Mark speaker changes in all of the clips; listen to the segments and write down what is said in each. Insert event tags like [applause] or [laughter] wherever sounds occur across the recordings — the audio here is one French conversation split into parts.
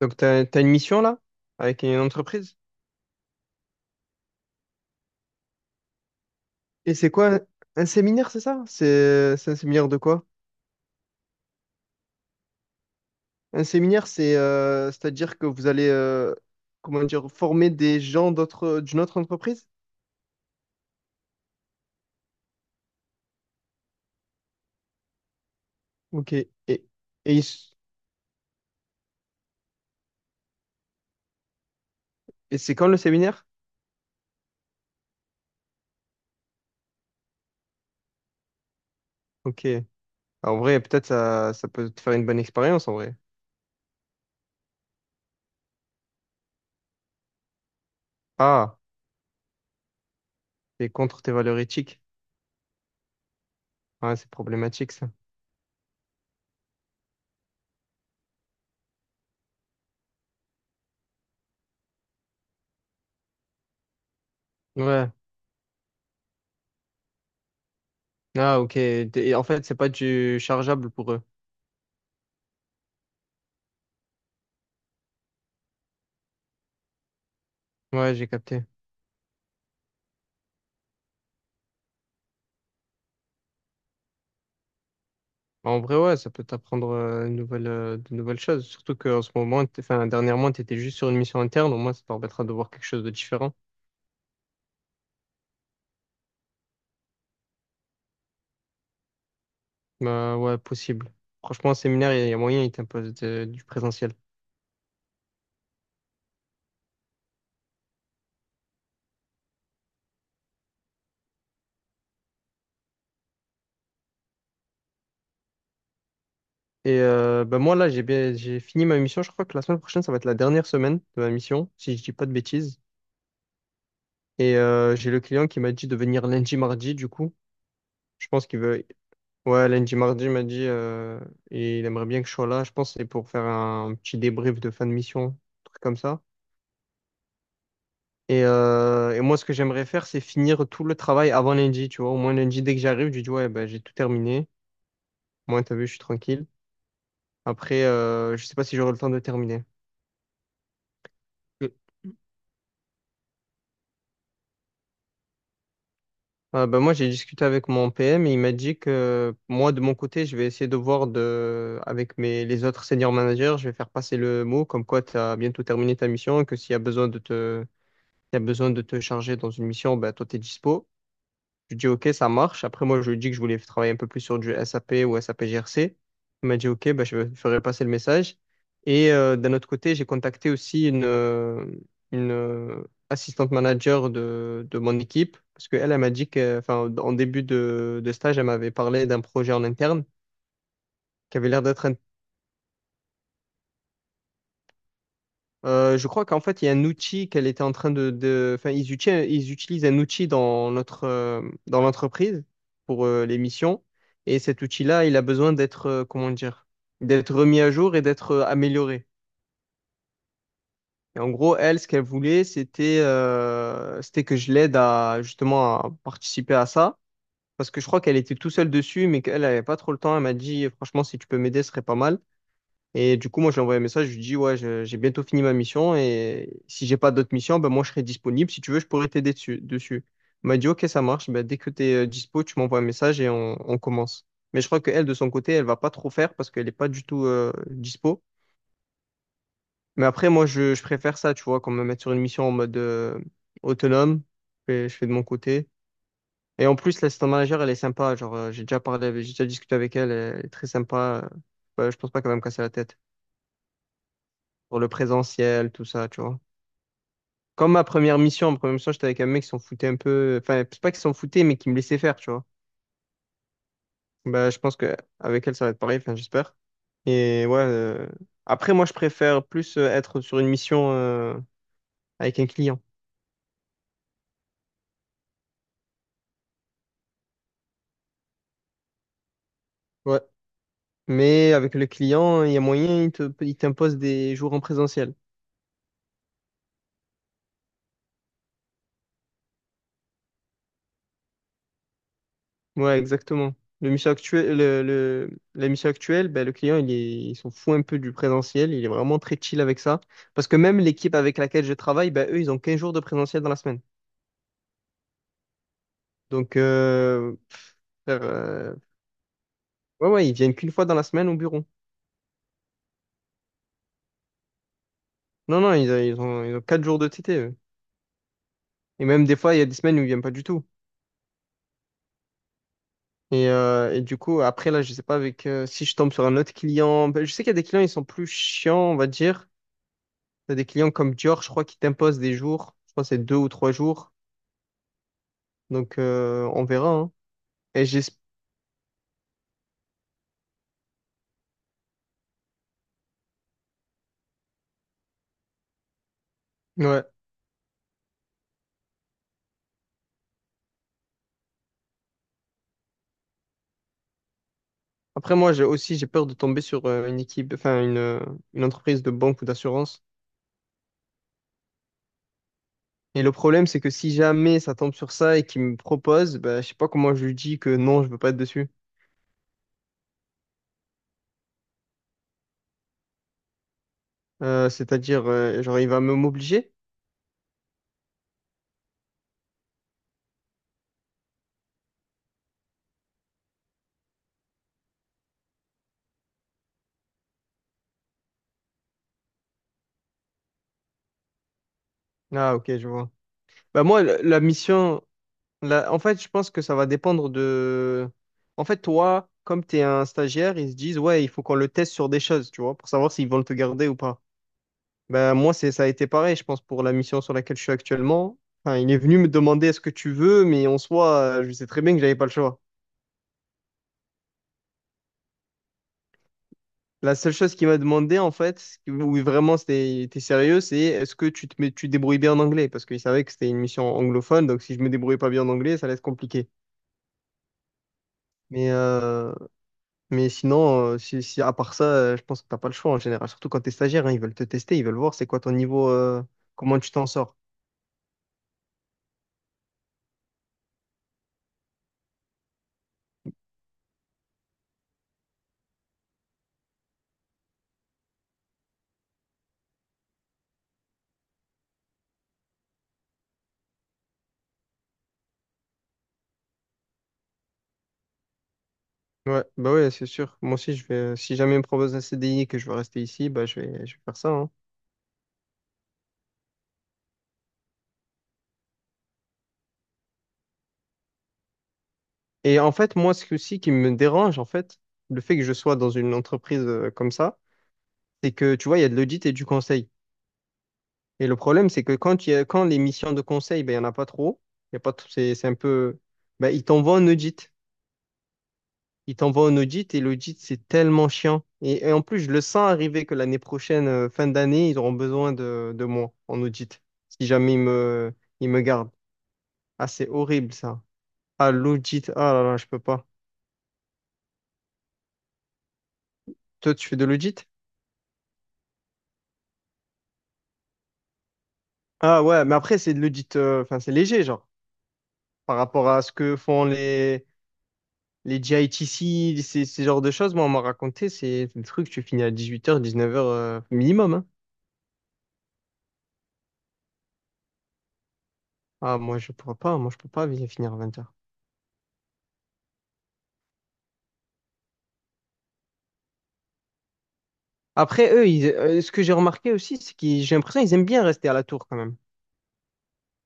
Speaker 1: Donc, t'as une mission là, avec une entreprise. Et c'est quoi? Un séminaire, c'est ça? C'est un séminaire de quoi? Un séminaire, c'est c'est-à-dire que vous allez comment dire former des gens d'une autre entreprise? OK. Et, ils s- et c'est quand le séminaire? OK. Ah, en vrai, peut-être ça peut te faire une bonne expérience en vrai. Ah, c'est contre tes valeurs éthiques. Ouais, c'est problématique ça. Ouais. Ah, OK. Et en fait, c'est pas du chargeable pour eux. Ouais, j'ai capté. Bah, en vrai, ouais, ça peut t'apprendre de nouvelles choses. Surtout qu'en ce moment, enfin, dernièrement, tu étais juste sur une mission interne. Au moins, ça te permettra de voir quelque chose de différent. Bah, ouais, possible. Franchement, un séminaire, il y a moyen, il t'impose du présentiel. Et bah, moi, là, j'ai fini ma mission. Je crois que la semaine prochaine, ça va être la dernière semaine de ma mission, si je dis pas de bêtises. Et j'ai le client qui m'a dit de venir lundi, mardi, du coup. Je pense qu'il veut. Ouais, lundi, mardi, il m'a dit. Et il aimerait bien que je sois là. Je pense que c'est pour faire un petit débrief de fin de mission, un truc comme ça. Et, moi, ce que j'aimerais faire, c'est finir tout le travail avant lundi, tu vois. Au moins lundi, dès que j'arrive, je dis, ouais, ben, j'ai tout terminé. Moi, t'as vu, je suis tranquille. Après, je sais pas si j'aurai le temps de terminer. Mm. Ah, ben, moi, j'ai discuté avec mon PM et il m'a dit que moi, de mon côté, je vais essayer de voir avec les autres senior managers, je vais faire passer le mot comme quoi tu as bientôt terminé ta mission, que s'il y a besoin de te charger dans une mission, ben, toi, t'es dispo. Je lui dis, OK, ça marche. Après, moi, je lui ai dit que je voulais travailler un peu plus sur du SAP ou SAP GRC. Il m'a dit, OK, bah, je ferai passer le message. Et d'un autre côté, j'ai contacté aussi une assistante manager de mon équipe parce qu'elle, elle elle m'a dit que, enfin, en début de stage, elle m'avait parlé d'un projet en interne qui avait l'air d'être. Je crois qu'en fait, il y a un outil qu'elle était en train de... Enfin, ils utilisent un outil dans dans l'entreprise pour les missions. Et cet outil-là, il a besoin comment dire, d'être remis à jour et d'être amélioré. Et en gros, elle, ce qu'elle voulait, c'était que je l'aide à justement à participer à ça. Parce que je crois qu'elle était tout seule dessus, mais qu'elle n'avait pas trop le temps. Elle m'a dit, franchement, si tu peux m'aider, ce serait pas mal. Et du coup, moi, je lui ai envoyé un message, je lui dis, ouais, j'ai bientôt fini ma mission et si j'ai pas d'autres missions, ben moi, je serai disponible. Si tu veux, je pourrais t'aider dessus. Elle m'a dit, OK, ça marche. Ben, dès que tu es dispo, tu m'envoies un message et on commence. Mais je crois qu'elle, de son côté, elle va pas trop faire parce qu'elle est pas du tout dispo. Mais après, moi, je préfère ça, tu vois, qu'on me mette sur une mission en mode autonome. Je fais de mon côté. Et en plus, l'assistant manager, elle est sympa. Genre, j'ai déjà discuté avec elle. Elle est très sympa. Ouais, je pense pas qu'elle va me casser la tête pour le présentiel, tout ça, tu vois. Comme ma première mission, j'étais avec un mec qui s'en foutait un peu. Enfin, c'est pas qu'il s'en foutait, mais qui me laissait faire, tu vois. Bah, je pense que avec elle, ça va être pareil, enfin, j'espère. Et ouais. Après, moi, je préfère plus être sur une mission avec un client. Ouais. Mais avec le client, il y a moyen, il t'impose des jours en présentiel. Ouais, exactement. Le mission actuel, le- la mission actuelle, ben, le client, il est, il s'en fout un peu du présentiel. Il est vraiment très chill avec ça. Parce que même l'équipe avec laquelle je travaille, ben, eux, ils ont 15 jours de présentiel dans la semaine. Donc, frère, ouais, ouais, ils viennent qu'une fois dans la semaine au bureau. Non, non, ils ont 4 jours de TT. Eux. Et même des fois, il y a des semaines où ils viennent pas du tout. Et, du coup, après, là, je sais pas avec si je tombe sur un autre client. Ben, je sais qu'il y a des clients, ils sont plus chiants, on va dire. Il y a des clients comme Dior, je crois, qui t'imposent des jours. Je crois que c'est 2 ou 3 jours. Donc, on verra. Hein. Et j'espère. Ouais. Après, moi, j'ai peur de tomber sur une équipe, enfin, une entreprise de banque ou d'assurance. Et le problème, c'est que si jamais ça tombe sur ça et qu'il me propose, bah, je sais pas comment je lui dis que non, je veux pas être dessus. C'est-à-dire, genre, il va me m'obliger? Ah, OK, je vois. Bah, moi, en fait, je pense que ça va dépendre de. En fait, toi, comme tu es un stagiaire, ils se disent, ouais, il faut qu'on le teste sur des choses, tu vois, pour savoir s'ils vont te garder ou pas. Bah, moi, ça a été pareil, je pense, pour la mission sur laquelle je suis actuellement. Enfin, il est venu me demander est-ce que tu veux, mais en soi, je sais très bien que j'avais pas le choix. La seule chose qu'il m'a demandé, en fait, oui, vraiment c'était t'es sérieux, c'est est-ce que tu te débrouilles bien en anglais? Parce qu'il savait que c'était une mission anglophone, donc si je me débrouille pas bien en anglais, ça allait être compliqué. Mais, euh, mais, sinon, à part ça, je pense que t'as pas le choix en général, surtout quand t'es stagiaire, hein, ils veulent te tester, ils veulent voir c'est quoi ton niveau, comment tu t'en sors. Ouais, bah ouais, c'est sûr. Moi aussi, je vais, si jamais ils me propose un CDI et que je veux rester ici, bah je vais faire ça, hein. Et en fait, moi, aussi qui me dérange, en fait, le fait que je sois dans une entreprise comme ça, c'est que, tu vois, il y a de l'audit et du conseil. Et le problème, c'est que quand, il y a, quand les missions de conseil, ben, il n'y en a pas trop. Il y a pas tout- C'est un peu. Ben, ils t'envoient un audit. Ils t'envoient un audit et l'audit, c'est tellement chiant. Et, en plus, je le sens arriver que l'année prochaine, fin d'année, ils auront besoin de moi en audit. Si jamais ils me gardent. Ah, c'est horrible, ça. Ah, l'audit. Ah là là, je peux pas. Toi, tu fais de l'audit? Ah ouais, mais après, c'est de l'audit. Enfin, c'est léger, genre, par rapport à ce que font les GITC, ces genres de choses, moi, on m'a raconté, c'est le truc, tu finis à 18h, 19h minimum. Hein. Ah, moi, je pourrais pas, moi, je peux pas finir à 20h. Après, eux, ce que j'ai remarqué aussi, c'est que j'ai l'impression qu'ils aiment bien rester à la tour quand même.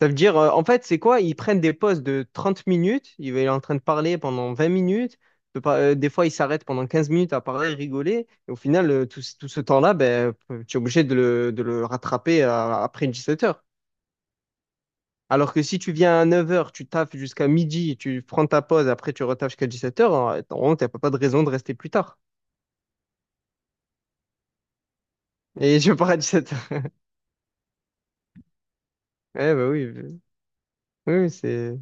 Speaker 1: Ça veut dire, en fait, c'est quoi? Ils prennent des pauses de 30 minutes, ils vont être en train de parler pendant 20 minutes. Peut pas- Des fois, ils s'arrêtent pendant 15 minutes à parler, rigoler. Et au final, ce tout ce temps-là, ben, tu es obligé de le rattraper après 17h. Alors que si tu viens à 9 heures, tu taffes jusqu'à midi, tu prends ta pause, après tu retaffes jusqu'à 17 heures. Normalement, t'as pas de raison de rester plus tard. Et je pars à 17h. Eh ben [laughs] oui, oui, oui, c'est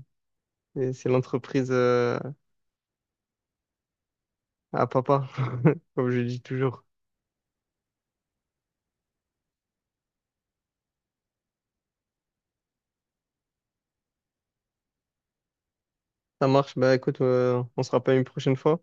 Speaker 1: c'est c'est l'entreprise à papa, [laughs] comme je dis toujours. Ça marche, bah écoute, on se rappelle une prochaine fois.